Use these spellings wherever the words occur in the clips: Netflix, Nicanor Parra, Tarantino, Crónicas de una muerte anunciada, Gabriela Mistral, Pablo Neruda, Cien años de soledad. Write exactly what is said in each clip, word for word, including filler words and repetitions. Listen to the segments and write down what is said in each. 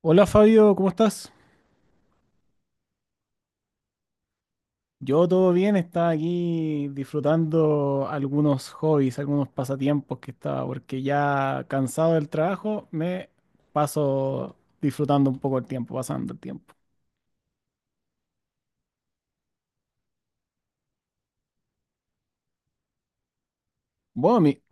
Hola Fabio, ¿cómo estás? Yo todo bien, estaba aquí disfrutando algunos hobbies, algunos pasatiempos que estaba, porque ya cansado del trabajo me paso disfrutando un poco el tiempo, pasando el tiempo. Bueno, mi,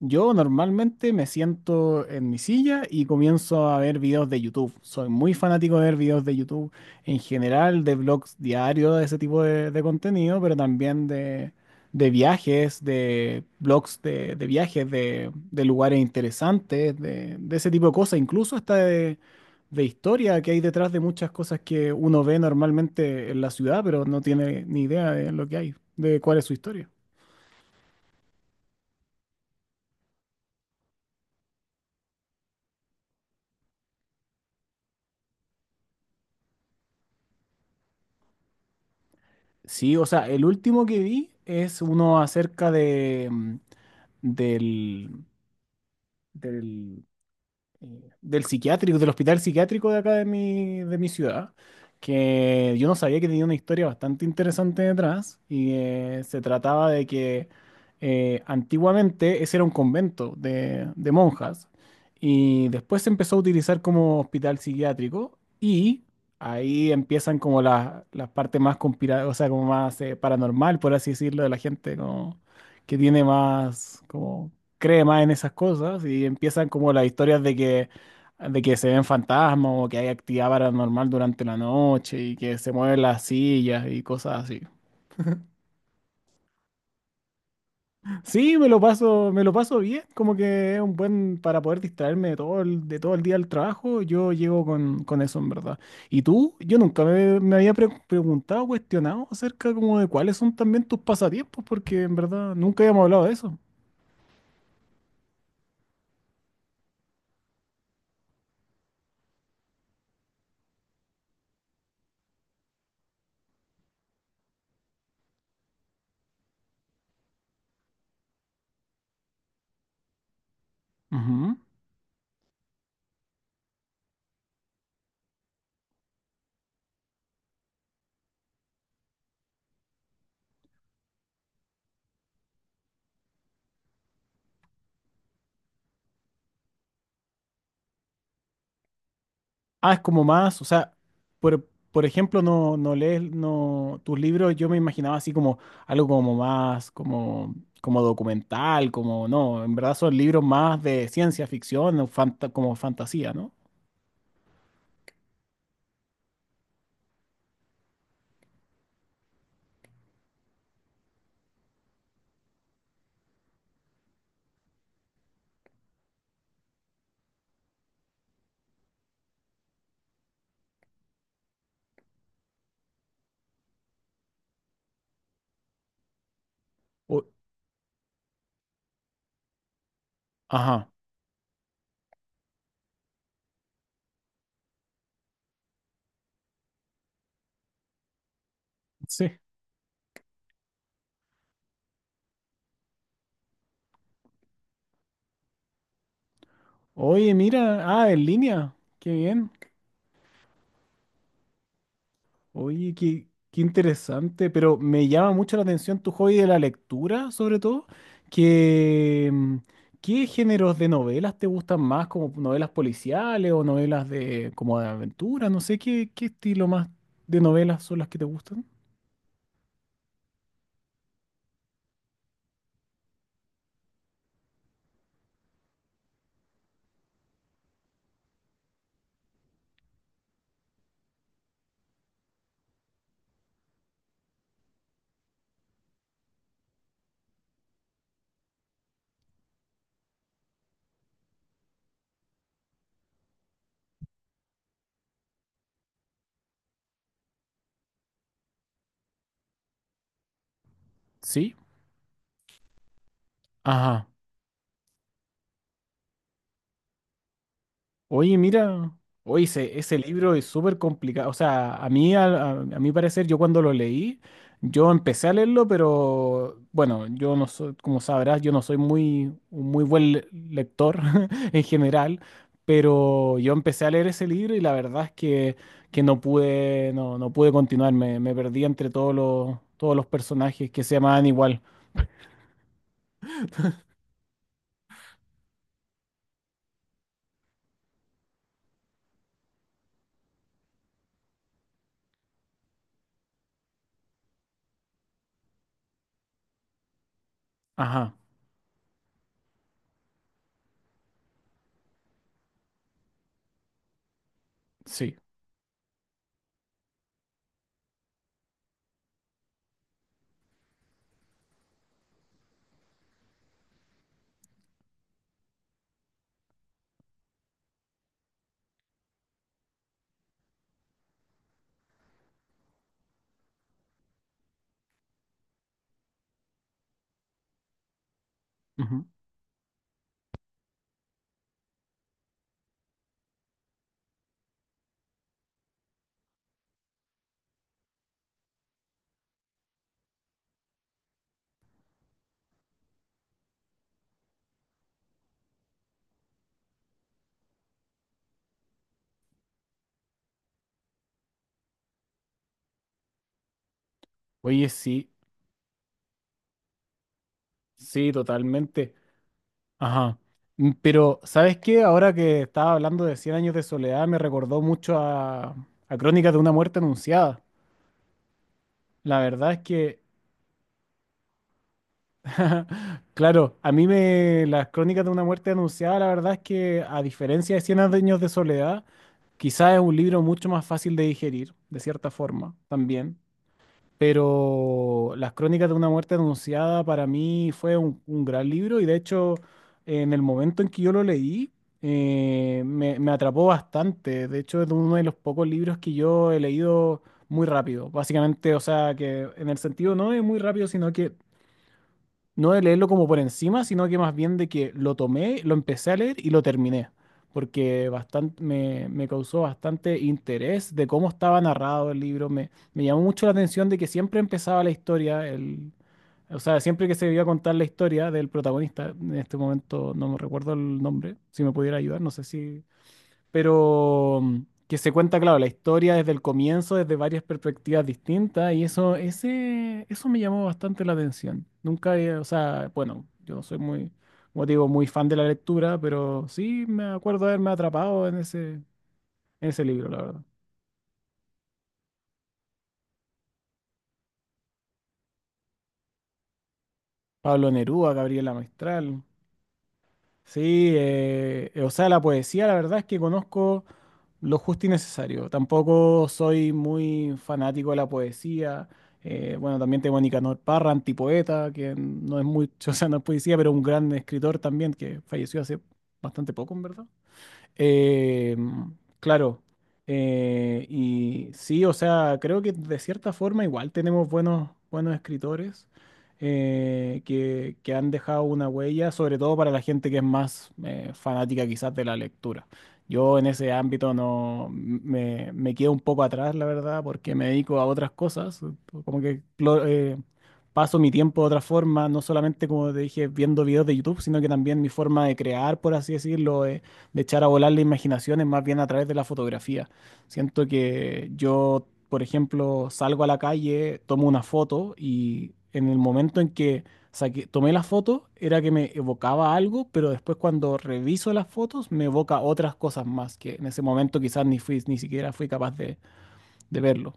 yo normalmente me siento en mi silla y comienzo a ver videos de YouTube. Soy muy fanático de ver videos de YouTube en general, de blogs diarios, de ese tipo de, de contenido, pero también de, de viajes, de blogs de, de viajes, de, de lugares interesantes, de, de ese tipo de cosas, incluso hasta de, de historia que hay detrás de muchas cosas que uno ve normalmente en la ciudad, pero no tiene ni idea de lo que hay, de cuál es su historia. Sí, o sea, el último que vi es uno acerca de, mm, del, del, eh, del psiquiátrico, del hospital psiquiátrico de acá de mi, de mi ciudad, que yo no sabía que tenía una historia bastante interesante detrás y eh, se trataba de que eh, antiguamente ese era un convento de, de monjas y después se empezó a utilizar como hospital psiquiátrico y ahí empiezan como las las partes más conspira- o sea, como más eh, paranormal, por así decirlo, de la gente como que tiene más como cree más en esas cosas y empiezan como las historias de que, de que, se ven fantasmas o que hay actividad paranormal durante la noche y que se mueven las sillas y cosas así. Sí, me lo paso, me lo paso bien, como que es un buen para poder distraerme de todo el, de todo el día del trabajo, yo llego con, con eso en verdad. ¿Y tú? Yo nunca me, me había pre- preguntado, cuestionado acerca como de cuáles son también tus pasatiempos, porque en verdad nunca habíamos hablado de eso. Ujú. Ah, es como más, o sea, por, por ejemplo, no, no lees no, tus libros, yo me imaginaba así como algo como más, como, como documental, como no, en verdad son libros más de ciencia ficción, o fanta- como fantasía, ¿no? O- ajá, sí. Oye, mira, ah, en línea, qué bien. Oye, qué, qué interesante, pero me llama mucho la atención tu hobby de la lectura, sobre todo. que mm, ¿Qué géneros de novelas te gustan más, como novelas policiales o novelas de como de aventura? No sé qué, qué estilo más de novelas son las que te gustan. Sí. Ajá. Oye, mira, oye, ese, ese libro es súper complicado. O sea, a mí, a, a- a mi parecer, yo cuando lo leí, yo empecé a leerlo, pero bueno, yo no soy, como sabrás, yo no soy muy, un muy buen le- lector en general, pero yo empecé a leer ese libro y la verdad es que, que, no pude, no, no pude continuar. Me, me perdí entre todos los, todos los personajes que se llamaban igual. Ajá, sí. Ujú. Oye, sí, sí, totalmente. Ajá. Mm, Pero, ¿sabes qué? Ahora que estaba hablando de Cien años de soledad, me recordó mucho a, a Crónicas de una muerte anunciada. La verdad es que, claro, a mí me, las Crónicas de una muerte anunciada, la verdad es que, a diferencia de Cien años de soledad, quizás es un libro mucho más fácil de digerir, de cierta forma, también. Pero las Crónicas de una muerte anunciada para mí fue un, un gran libro y de hecho en el momento en que yo lo leí eh, me, me atrapó bastante. De hecho es uno de los pocos libros que yo he leído muy rápido, básicamente, o sea que en el sentido no es muy rápido, sino que no de leerlo como por encima, sino que más bien de que lo tomé, lo empecé a leer y lo terminé, porque bastante, me, me causó bastante interés de cómo estaba narrado el libro. Me, me llamó mucho la atención de que siempre empezaba la historia, el, o sea, siempre que se iba a contar la historia del protagonista, en este momento no me recuerdo el nombre, si me pudiera ayudar, no sé si pero mm, que se cuenta, claro, la historia desde el comienzo, desde varias perspectivas distintas, y eso, ese, eso me llamó bastante la atención. Nunca, he- o sea, bueno, yo no soy muy, como te digo, muy fan de la lectura, pero sí me acuerdo de haberme atrapado en ese, en ese libro, la verdad. Pablo Neruda, Gabriela Mistral. Sí, eh, eh, o sea, la poesía, la verdad es que conozco lo justo y necesario. Tampoco soy muy fanático de la poesía. Eh, bueno, también tengo a Nicanor Parra, antipoeta, que no es mucho, o sea, no es poesía, pero un gran escritor también que falleció hace bastante poco, en verdad. Eh, claro. Eh, y sí, o sea, creo que de cierta forma igual tenemos buenos, buenos escritores eh, que, que han dejado una huella, sobre todo para la gente que es más eh, fanática quizás de la lectura. Yo en ese ámbito no me, me quedo un poco atrás, la verdad, porque me dedico a otras cosas, como que lo- eh, paso mi tiempo de otra forma, no solamente como te dije, viendo videos de YouTube, sino que también mi forma de crear, por así decirlo, eh, de echar a volar la imaginación es más bien a través de la fotografía. Siento que yo, por ejemplo, salgo a la calle, tomo una foto y en el momento en que saqué- tomé la foto era que me evocaba algo, pero después cuando reviso las fotos me evoca otras cosas más que en ese momento quizás ni fui, ni siquiera fui capaz de, de verlo.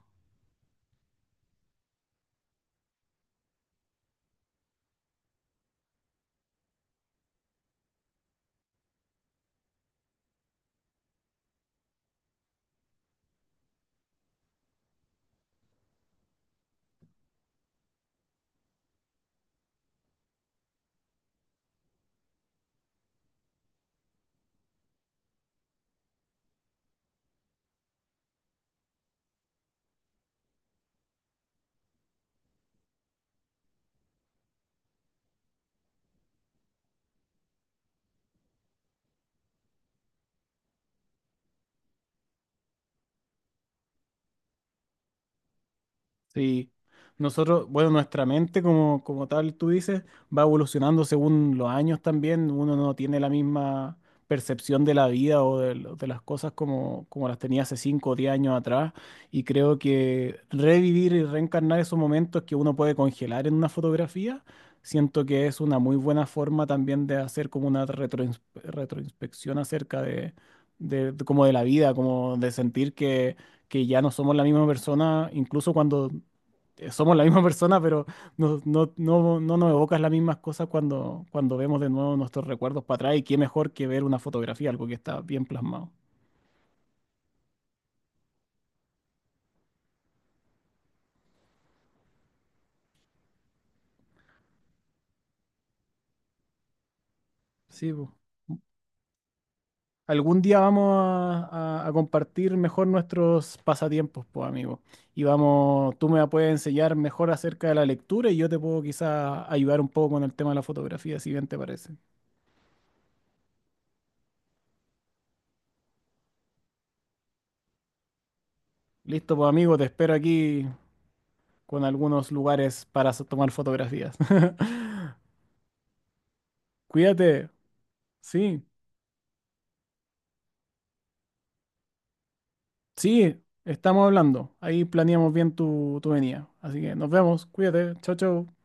Sí, nosotros, bueno, nuestra mente como, como tal, tú dices, va evolucionando según los años también. Uno no tiene la misma percepción de la vida o de, lo- de las cosas como, como las tenía hace cinco o diez años atrás. Y creo que revivir y reencarnar esos momentos que uno puede congelar en una fotografía, siento que es una muy buena forma también de hacer como una retroins- retroinspección acerca de, de, de como de la vida, como de sentir que que ya no somos la misma persona, incluso cuando eh, somos la misma persona, pero no, no, no, no nos evocas las mismas cosas cuando, cuando vemos de nuevo nuestros recuerdos para atrás y qué mejor que ver una fotografía, algo que está bien plasmado. Sí, po. Algún día vamos a, a- a compartir mejor nuestros pasatiempos, pues, amigo. Y vamos, tú me puedes enseñar mejor acerca de la lectura y yo te puedo quizás ayudar un poco con el tema de la fotografía, si bien te parece. Listo, pues, amigo, te espero aquí con algunos lugares para so- tomar fotografías. Cuídate, sí. Sí, estamos hablando. Ahí planeamos bien tu, tu venida. Así que nos vemos. Cuídate. Chao, chao.